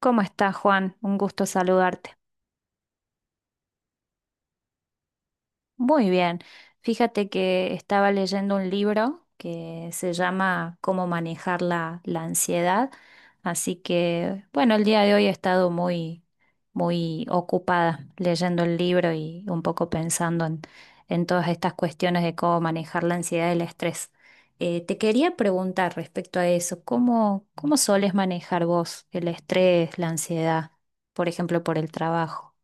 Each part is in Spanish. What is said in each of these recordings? ¿Cómo estás, Juan? Un gusto saludarte. Muy bien. Fíjate que estaba leyendo un libro que se llama Cómo manejar la ansiedad. Así que, bueno, el día de hoy he estado muy ocupada leyendo el libro y un poco pensando en todas estas cuestiones de cómo manejar la ansiedad y el estrés. Te quería preguntar respecto a eso, cómo soles manejar vos el estrés, la ansiedad, por ejemplo, por el trabajo?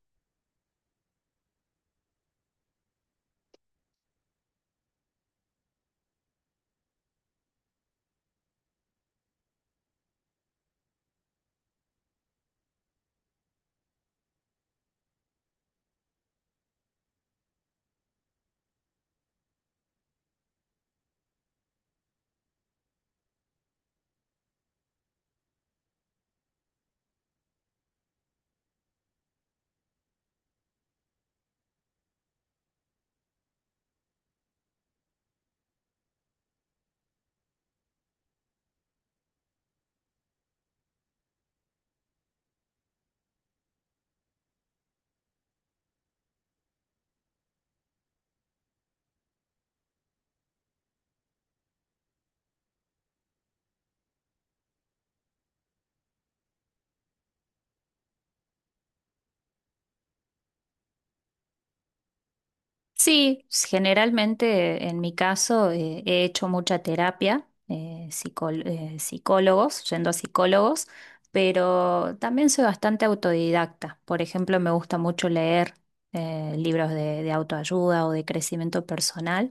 Sí, generalmente en mi caso he hecho mucha terapia, psicólogos, yendo a psicólogos, pero también soy bastante autodidacta. Por ejemplo, me gusta mucho leer libros de autoayuda o de crecimiento personal.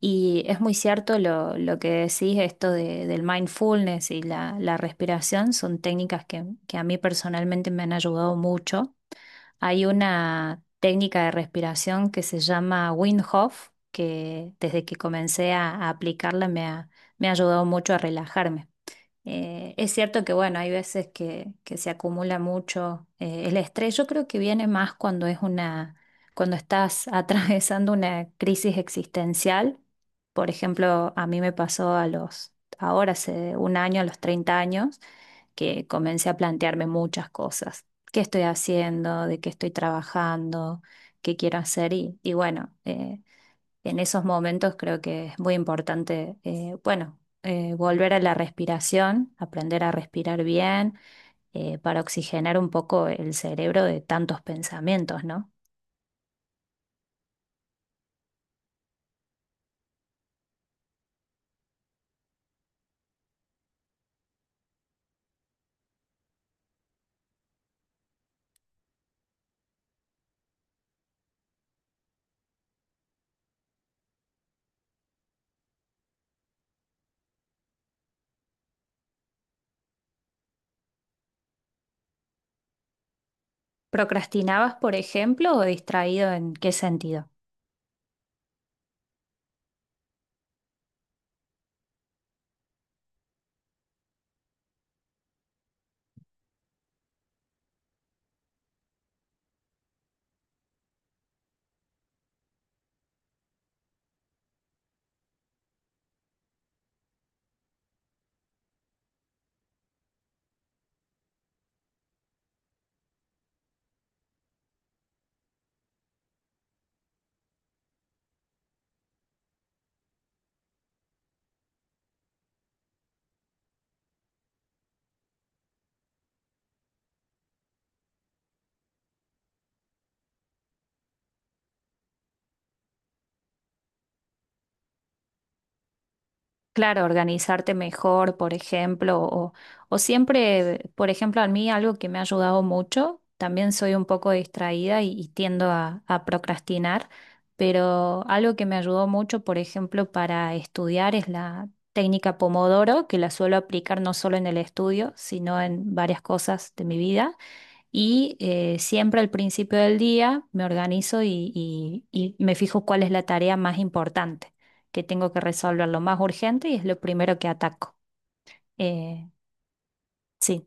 Y es muy cierto lo que decís, esto del mindfulness y la respiración son técnicas que a mí personalmente me han ayudado mucho. Hay una técnica de respiración que se llama Wim Hof, que desde que comencé a aplicarla me ha ayudado mucho a relajarme. Es cierto que, bueno, hay veces que se acumula mucho el estrés. Yo creo que viene más cuando es cuando estás atravesando una crisis existencial. Por ejemplo, a mí me pasó ahora hace un año, a los 30 años que comencé a plantearme muchas cosas. ¿Qué estoy haciendo? ¿De qué estoy trabajando? ¿Qué quiero hacer? Y bueno, en esos momentos creo que es muy importante, volver a la respiración, aprender a respirar bien, para oxigenar un poco el cerebro de tantos pensamientos, ¿no? ¿Procrastinabas, por ejemplo, o distraído en qué sentido? Claro, organizarte mejor, por ejemplo, o siempre, por ejemplo, a mí algo que me ha ayudado mucho, también soy un poco distraída y tiendo a procrastinar, pero algo que me ayudó mucho, por ejemplo, para estudiar es la técnica Pomodoro, que la suelo aplicar no solo en el estudio, sino en varias cosas de mi vida. Y siempre al principio del día me organizo y me fijo cuál es la tarea más importante, que tengo que resolver lo más urgente y es lo primero que ataco. Eh, sí,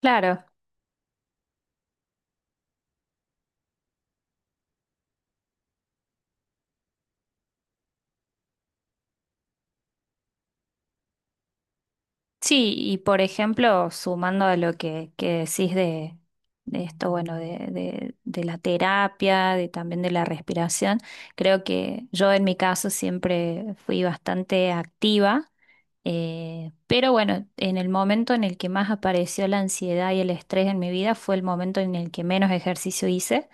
claro. Sí, y por ejemplo, sumando a lo que decís de esto, bueno, de la terapia, de también de la respiración, creo que yo en mi caso siempre fui bastante activa, pero bueno, en el momento en el que más apareció la ansiedad y el estrés en mi vida fue el momento en el que menos ejercicio hice,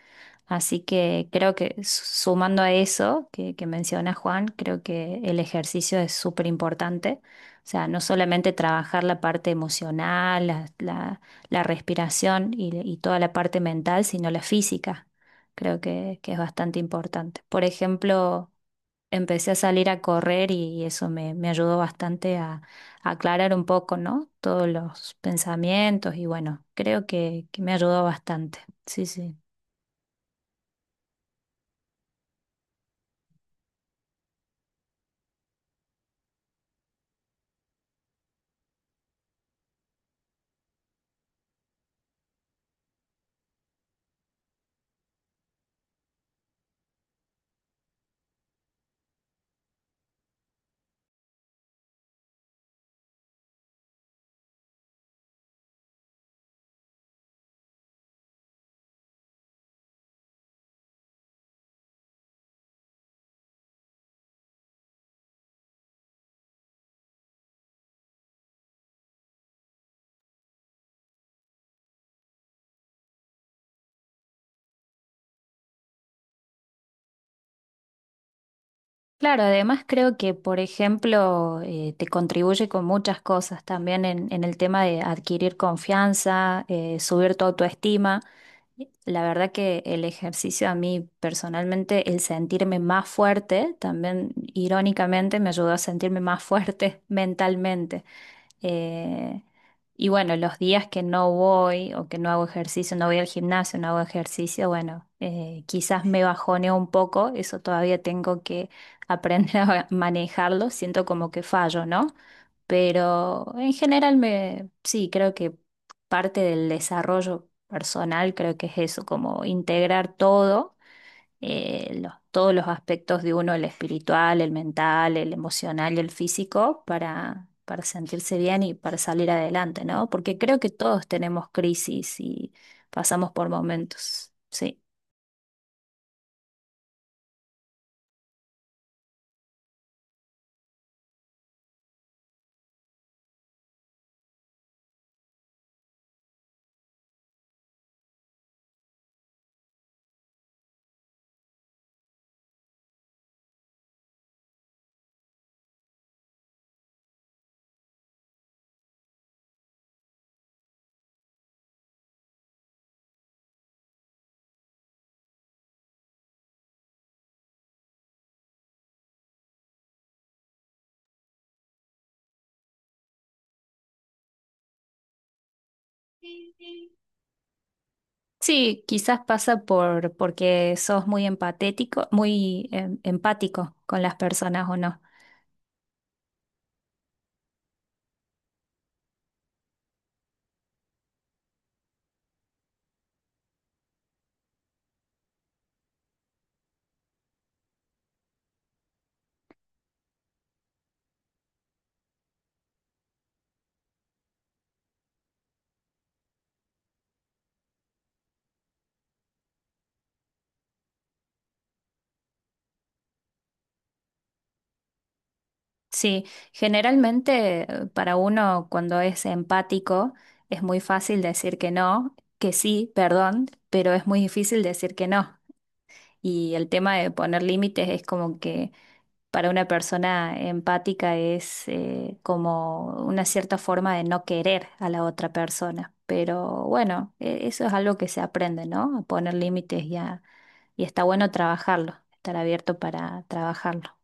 así que creo que sumando a eso que menciona Juan, creo que el ejercicio es súper importante, o sea, no solamente trabajar la parte emocional, la respiración y toda la parte mental, sino la física. Creo que es bastante importante. Por ejemplo, empecé a salir a correr y eso me ayudó bastante a aclarar un poco, ¿no? Todos los pensamientos y bueno, creo que me ayudó bastante. Sí, sí. Claro, además creo que, por ejemplo, te contribuye con muchas cosas también en el tema de adquirir confianza, subir tu autoestima. La verdad que el ejercicio a mí personalmente, el sentirme más fuerte, también irónicamente me ayudó a sentirme más fuerte mentalmente. Eh, y bueno, los días que no voy o que no hago ejercicio, no voy al gimnasio, no hago ejercicio, bueno, quizás me bajoneo un poco, eso todavía tengo que aprender a manejarlo, siento como que fallo, ¿no? Pero en general sí, creo que parte del desarrollo personal creo que es eso, como integrar todo todos los aspectos de uno, el espiritual, el mental, el emocional y el físico, para sentirse bien y para salir adelante, ¿no? Porque creo que todos tenemos crisis y pasamos por momentos, sí. Sí, quizás pasa por porque sos muy empatético, empático con las personas o no. Sí, generalmente para uno cuando es empático es muy fácil decir que no, que sí, perdón, pero es muy difícil decir que no. Y el tema de poner límites es como que para una persona empática es como una cierta forma de no querer a la otra persona. Pero bueno, eso es algo que se aprende, ¿no? A poner límites, y está bueno trabajarlo, estar abierto para trabajarlo.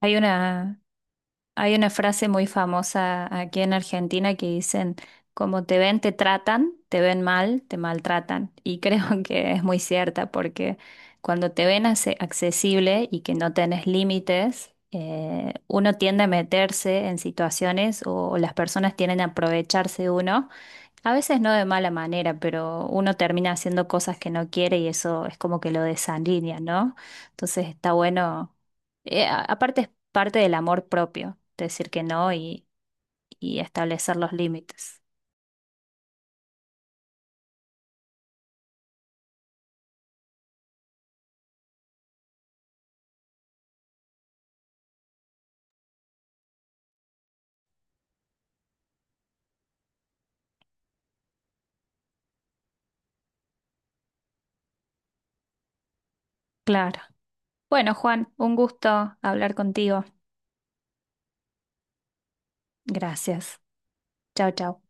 Hay una, Hay una frase muy famosa aquí en Argentina que dicen, como te ven, te tratan, te ven mal, te maltratan. Y creo que es muy cierta porque cuando te ven accesible y que no tenés límites, uno tiende a meterse en situaciones o las personas tienden a aprovecharse de uno a veces no de mala manera, pero uno termina haciendo cosas que no quiere y eso es como que lo desalinea, ¿no? Entonces está bueno, aparte es parte del amor propio, decir que no y establecer los límites. Claro. Bueno, Juan, un gusto hablar contigo. Gracias. Chao, chao.